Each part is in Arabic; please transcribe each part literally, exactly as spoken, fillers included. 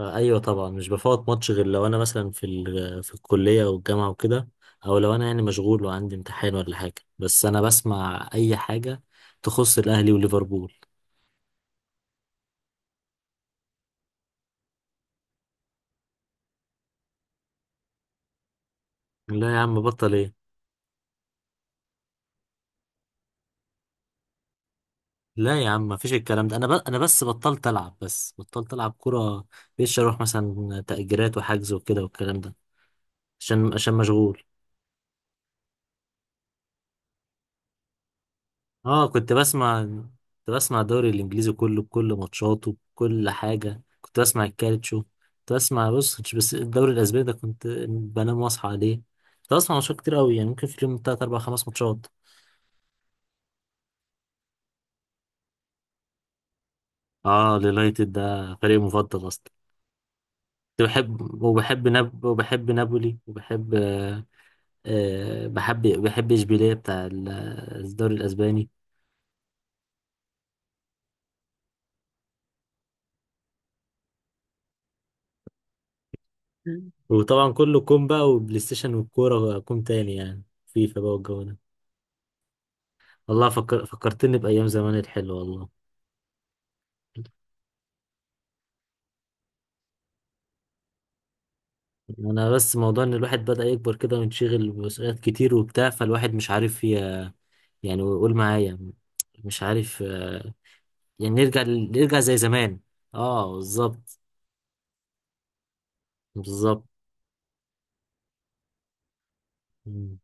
آه، ايوه طبعا مش بفوت ماتش غير لو انا مثلا في ال- في الكليه او الجامعه وكده، او لو انا يعني مشغول وعندي امتحان ولا حاجه. بس انا بسمع اي حاجه تخص الاهلي وليفربول. لا يا عم بطل ايه؟ لا يا عم مفيش الكلام ده. انا ب... انا بس بطلت العب بس بطلت العب كوره. بقيتش اروح مثلا تأجيرات وحجز وكده والكلام ده. عشان عشان مشغول. اه كنت بسمع كنت بسمع الدوري الانجليزي كله بكل ماتشاته، بكل حاجه. كنت بسمع الكالتشو، كنت بسمع بص، كنتش بس الدوري الاسباني ده كنت بنام واصحى عليه. كنت بسمع ماتشات كتير قوي، يعني ممكن في اليوم تلات اربع خمس ماتشات. اه اليونايتد ده فريق مفضل اصلا. كنت بحب، وبحب ناب وبحب نابولي، وبحب آه آه، بحب بحب اشبيليه بتاع ال- الدوري الاسباني. مم. وطبعا كله كوم بقى، وبلاي ستيشن والكوره كوم تاني، يعني فيفا بقى والجو ده. والله فكر... فكرتني بأيام زمان الحلوة والله. أنا بس موضوع إن الواحد بدأ يكبر كده وينشغل بمسؤوليات كتير وبتاع، فالواحد مش عارف ي... يعني ويقول معايا مش عارف آه، يعني نرجع ل- نرجع زي زمان. اه بالظبط. بالظبط. مم.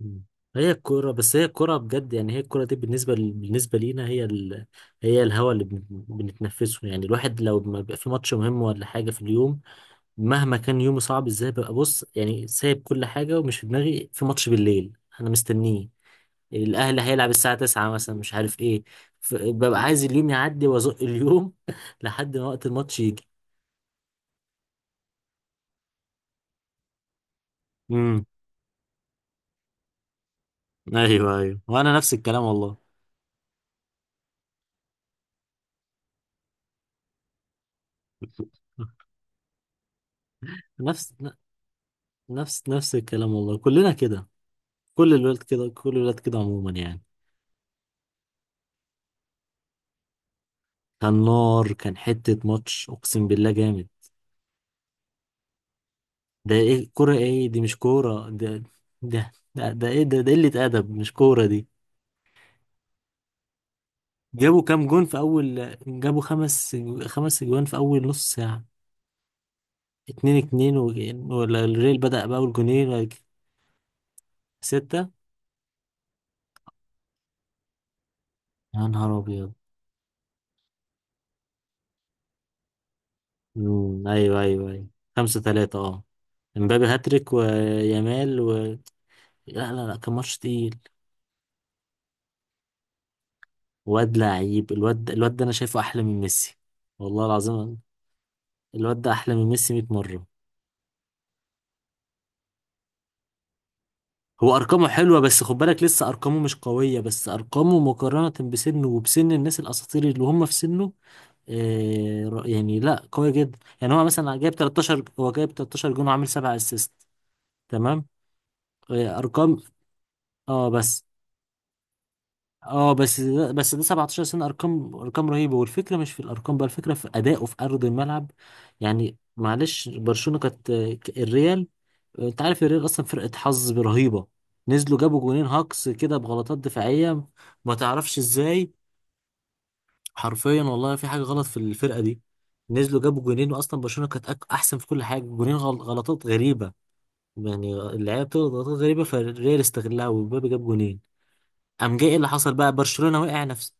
مم. هي الكورة، بس هي الكورة بجد يعني. هي الكورة دي بالنسبة ل... بالنسبة لينا هي ال... هي الهوا اللي بن... بنتنفسه يعني. الواحد لو ما بيبقى في ماتش مهم ولا حاجة في اليوم، مهما كان يومي صعب ازاي، ببقى بص يعني سايب كل حاجة ومش في دماغي في ماتش بالليل انا مستنيه. الاهلي هيلعب الساعة تسعة مثلا، مش عارف ايه، ف- ببقى عايز اليوم يعدي وازق اليوم لحد ما وقت الماتش يجي. امم. ايوه ايوه، وانا نفس الكلام والله. نفس، نفس نفس الكلام والله، كلنا كده، كل الولاد كده، كل الولاد كده عموما يعني. كان نار، كان حتة ماتش اقسم بالله جامد. ده ايه كورة ايه دي؟ مش كورة ده. ده ده, ده ايه ده ده قلة ادب، مش كورة دي. جابوا كام جون في اول؟ جابوا خمس، خمس جوان في اول نص ساعة. اتنين اتنين و... ولا الريال بدأ بأول جونين؟ ولا ك- ستة؟ يا نهار أبيض. مم، أيوه أيوه أيوه. خمسة تلاتة أه. امبابي هاتريك ويامال و... لا لا لا كان ماتش تقيل. واد لعيب الواد. الواد ده أنا شايفه أحلى من ميسي، والله العظيم. الواد ده أحلى من ميسي مية مرة. هو أرقامه حلوة، بس خد بالك لسه أرقامه مش قوية. بس أرقامه مقارنة بسنه وبسن الناس الأساطير اللي هم في سنه آه، ر- يعني لا قوي جدا يعني. هو مثلا جايب تلتاشر، هو جايب تلتاشر جون، وعامل سبع اسيست. تمام. آه، ارقام. اه بس اه بس ده بس ده سبعتاشر سنة، ارقام، ارقام رهيبة. والفكرة مش في الارقام بقى، الفكرة في ادائه في ارض الملعب. يعني معلش برشلونة كانت آه، ك- الريال، آه، انت عارف الريال اصلا فرقة حظ رهيبة. نزلوا جابوا جونين هاكس كده بغلطات دفاعية، ما تعرفش ازاي. حرفيا والله في حاجه غلط في الفرقه دي. نزلوا جابوا جونين، واصلا برشلونه كانت أك- احسن في كل حاجه. جونين غل- غلطات غريبه. يعني اللعيبه بتغلط غلطات غريبه، فالريال استغلها ومبابي جاب جونين. قام جاي ايه اللي حصل بقى؟ برشلونه وقع نفس،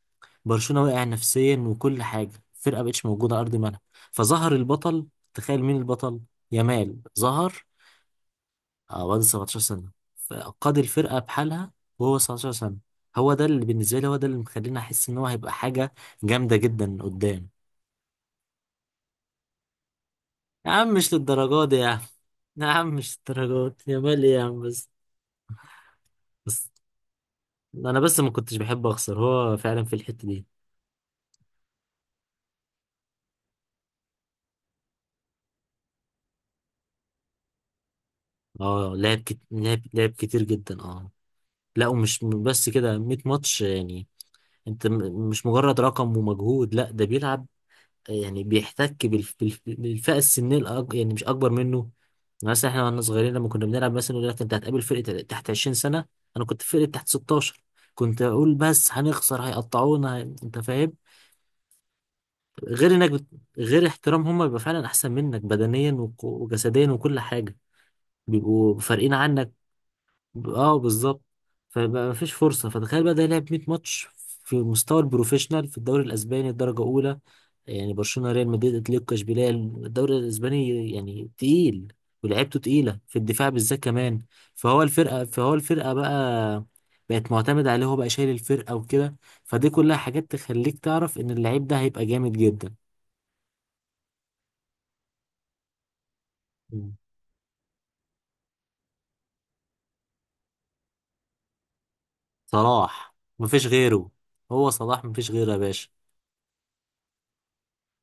برشلونه وقع نفسيا وكل حاجه، الفرقه مبقتش موجوده على ارض الملعب. فظهر البطل. تخيل مين البطل؟ يامال ظهر. اه بعد سبعتاشر سنه، فقاد الفرقه بحالها وهو تسعتاشر سنه. هو ده اللي بالنسبه لي، هو ده اللي مخليني احس ان هو هيبقى حاجه جامده جدا قدام. يا عم مش للدرجات دي يا عم. يا عم مش للدرجات يا مال ايه يا عم بس. بس انا بس ما كنتش بحب اخسر، هو فعلا في الحتة دي. اه لعب كت... لعب لعب كتير جدا اه. لا ومش م- بس كده ميت ماتش يعني. انت م- مش مجرد رقم ومجهود. لا ده بيلعب يعني، بيحتك بالف... بالف... بالفئة السنية الأك... يعني مش اكبر منه. يعني مثلا احنا واحنا صغيرين لما كنا بنلعب، مثلا يقول لك انت هتقابل فرقة تحت عشرين سنة، انا كنت في فرقة تحت ستاشر، كنت اقول بس هنخسر هيقطعونا هي- انت فاهم. غير انك بت... غير احترام، هم بيبقى فعلا احسن منك بدنيا وك- وجسديا وكل حاجه، بيبقوا فارقين عنك. اه بالظبط. فبقى مفيش فرصه. فتخيل بقى ده لعب ميت ماتش في مستوى البروفيشنال، في الدوري الاسباني الدرجه اولى، يعني برشلونه ريال مدريد اتلتيكو اشبيليه، الدوري الاسباني يعني تقيل. ولعبته تقيله في الدفاع بالذات كمان. فهو الفرقه فهو الفرقه بقى بقت معتمد عليه، هو بقى شايل الفرقه وكده. فدي كلها حاجات تخليك تعرف ان اللعيب ده هيبقى جامد جدا. صلاح مفيش غيره. هو صلاح مفيش غيره يا باشا.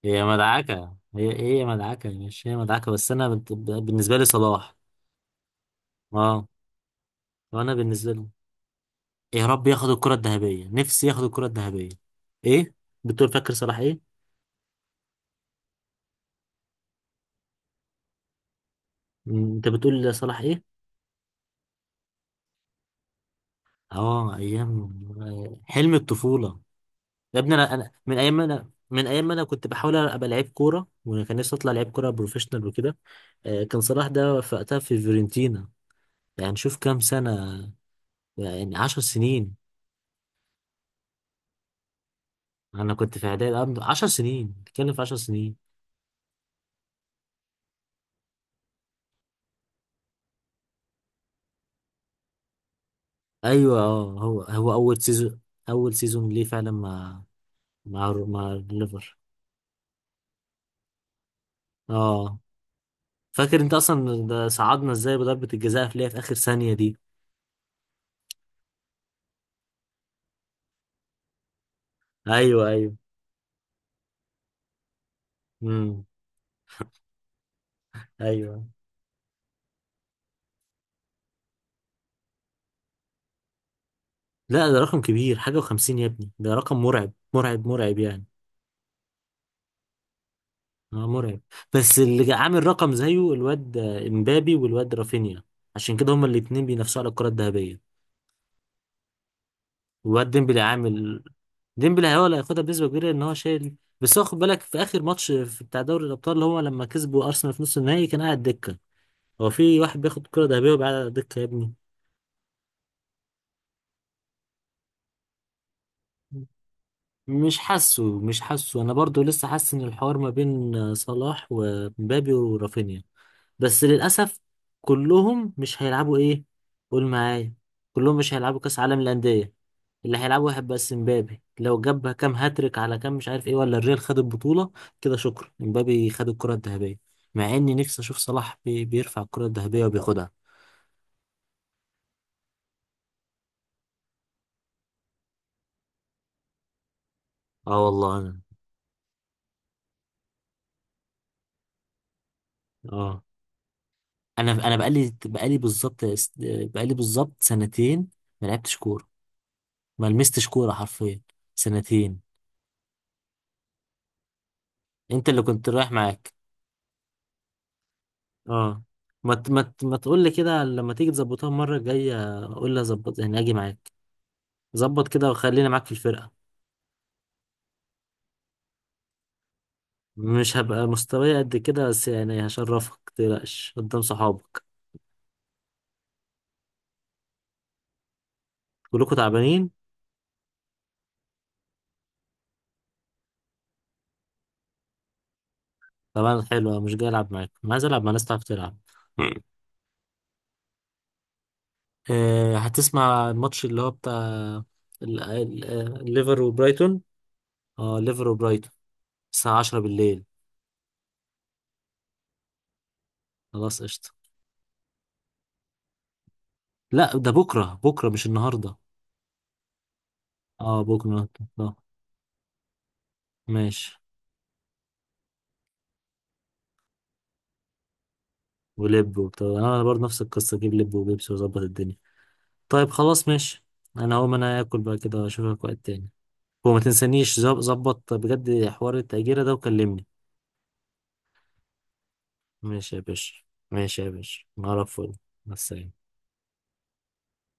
هي مدعكة هي إيه، هي مدعكة يا باشا. هي مدعكة، بس أنا بت- بالنسبة لي صلاح. اه. وأنا بالنسبة لي يا رب ياخد الكرة الذهبية، نفسي ياخد الكرة الذهبية. إيه؟ بتقول فاكر صلاح إيه؟ مم، أنت بتقول صلاح إيه؟ اه أيام. آه، حلم الطفولة. يا ابني أنا، أنا من أيام ما أنا من أيام ما أنا كنت بحاول أبقى لعيب كورة، وكان نفسي أطلع لعيب كورة بروفيشنال وكده، آه، كان صلاح ده في وقتها في فيورنتينا. يعني شوف كام سنة، يعني عشر سنين. انا كنت في اعدادي قبل عشر سنين، بتكلم في عشر سنين. ايوه اه. هو هو اول سيزون، اول سيزون ليه فعلا مع، مع مع الليفر. اه فاكر انت اصلا ده صعدنا ازاي بضربة الجزاء اللي هي في اخر ثانية دي؟ ايوه ايوه. امم. ايوه. لا ده رقم كبير، حاجة وخمسين يا ابني، ده رقم مرعب، مرعب، مرعب يعني. اه مرعب. بس اللي جا- عامل رقم زيه الواد امبابي والواد رافينيا، عشان كده هما الاتنين بينافسوا على الكرة الذهبية. وواد ديمبلي عامل، ديمبلي هو اللي هياخدها بنسبة كبيرة ان هو شايل. بس هو خد بالك في اخر ماتش في بتاع دوري الابطال اللي هو لما كسبوا ارسنال في نص النهائي كان قاعد دكة. هو في واحد بياخد كرة ذهبية وبيقعد على الدكة يا ابني؟ مش حاسه مش حاسه، انا برضو لسه حاسس ان الحوار ما بين صلاح ومبابي ورافينيا، بس للأسف كلهم مش هيلعبوا إيه؟ قول معايا، كلهم مش هيلعبوا كأس عالم الأندية. اللي هيلعبوا هيبقى السنبابي لو جاب كام هاتريك على كام مش عارف إيه، ولا الريال خد البطولة، كده شكرا امبابي خد الكرة الذهبية. مع إني نفسي أشوف صلاح بي بيرفع الكرة الذهبية وبياخدها. آه والله. أنا آه. أنا أنا بقالي، بقالي بالظبط، بقالي بالظبط سنتين ما لعبتش كورة، ما لمستش كورة حرفيا. سنتين. أنت اللي كنت رايح معاك. اه. ما ت- ما ت- ما تقول لي كده، لما تيجي تظبطها المره الجايه قول لي، اظبط يعني اجي معاك. ظبط كده وخليني معاك في الفرقه. مش هبقى مستواي قد كده بس يعني، هشرفك متقلقش قدام صحابك. كلكوا تعبانين طبعا. حلو، مش جاي العب معاكم، أنا عايز العب مع ناس تعرف تلعب. آه، هتسمع الماتش اللي هو بتاع ال- ال- آه، ليفر وبرايتون؟ اه ليفر وبرايتون، الساعة عشرة بالليل. خلاص قشطة. لا ده بكرة، بكرة مش النهاردة. اه بكرة. اه ماشي. ولب وبتاع، انا برضه نفس القصه اجيب لب وبيبسي واظبط الدنيا. طيب خلاص ماشي. انا هقوم انا اكل بقى كده، اشوفك وقت تاني. وما تنسانيش ظب- ظبط بجد حوار التأجيرة ده وكلمني. ماشي يا باشا. ماشي يا باشا نعرف فل. مع السلامة.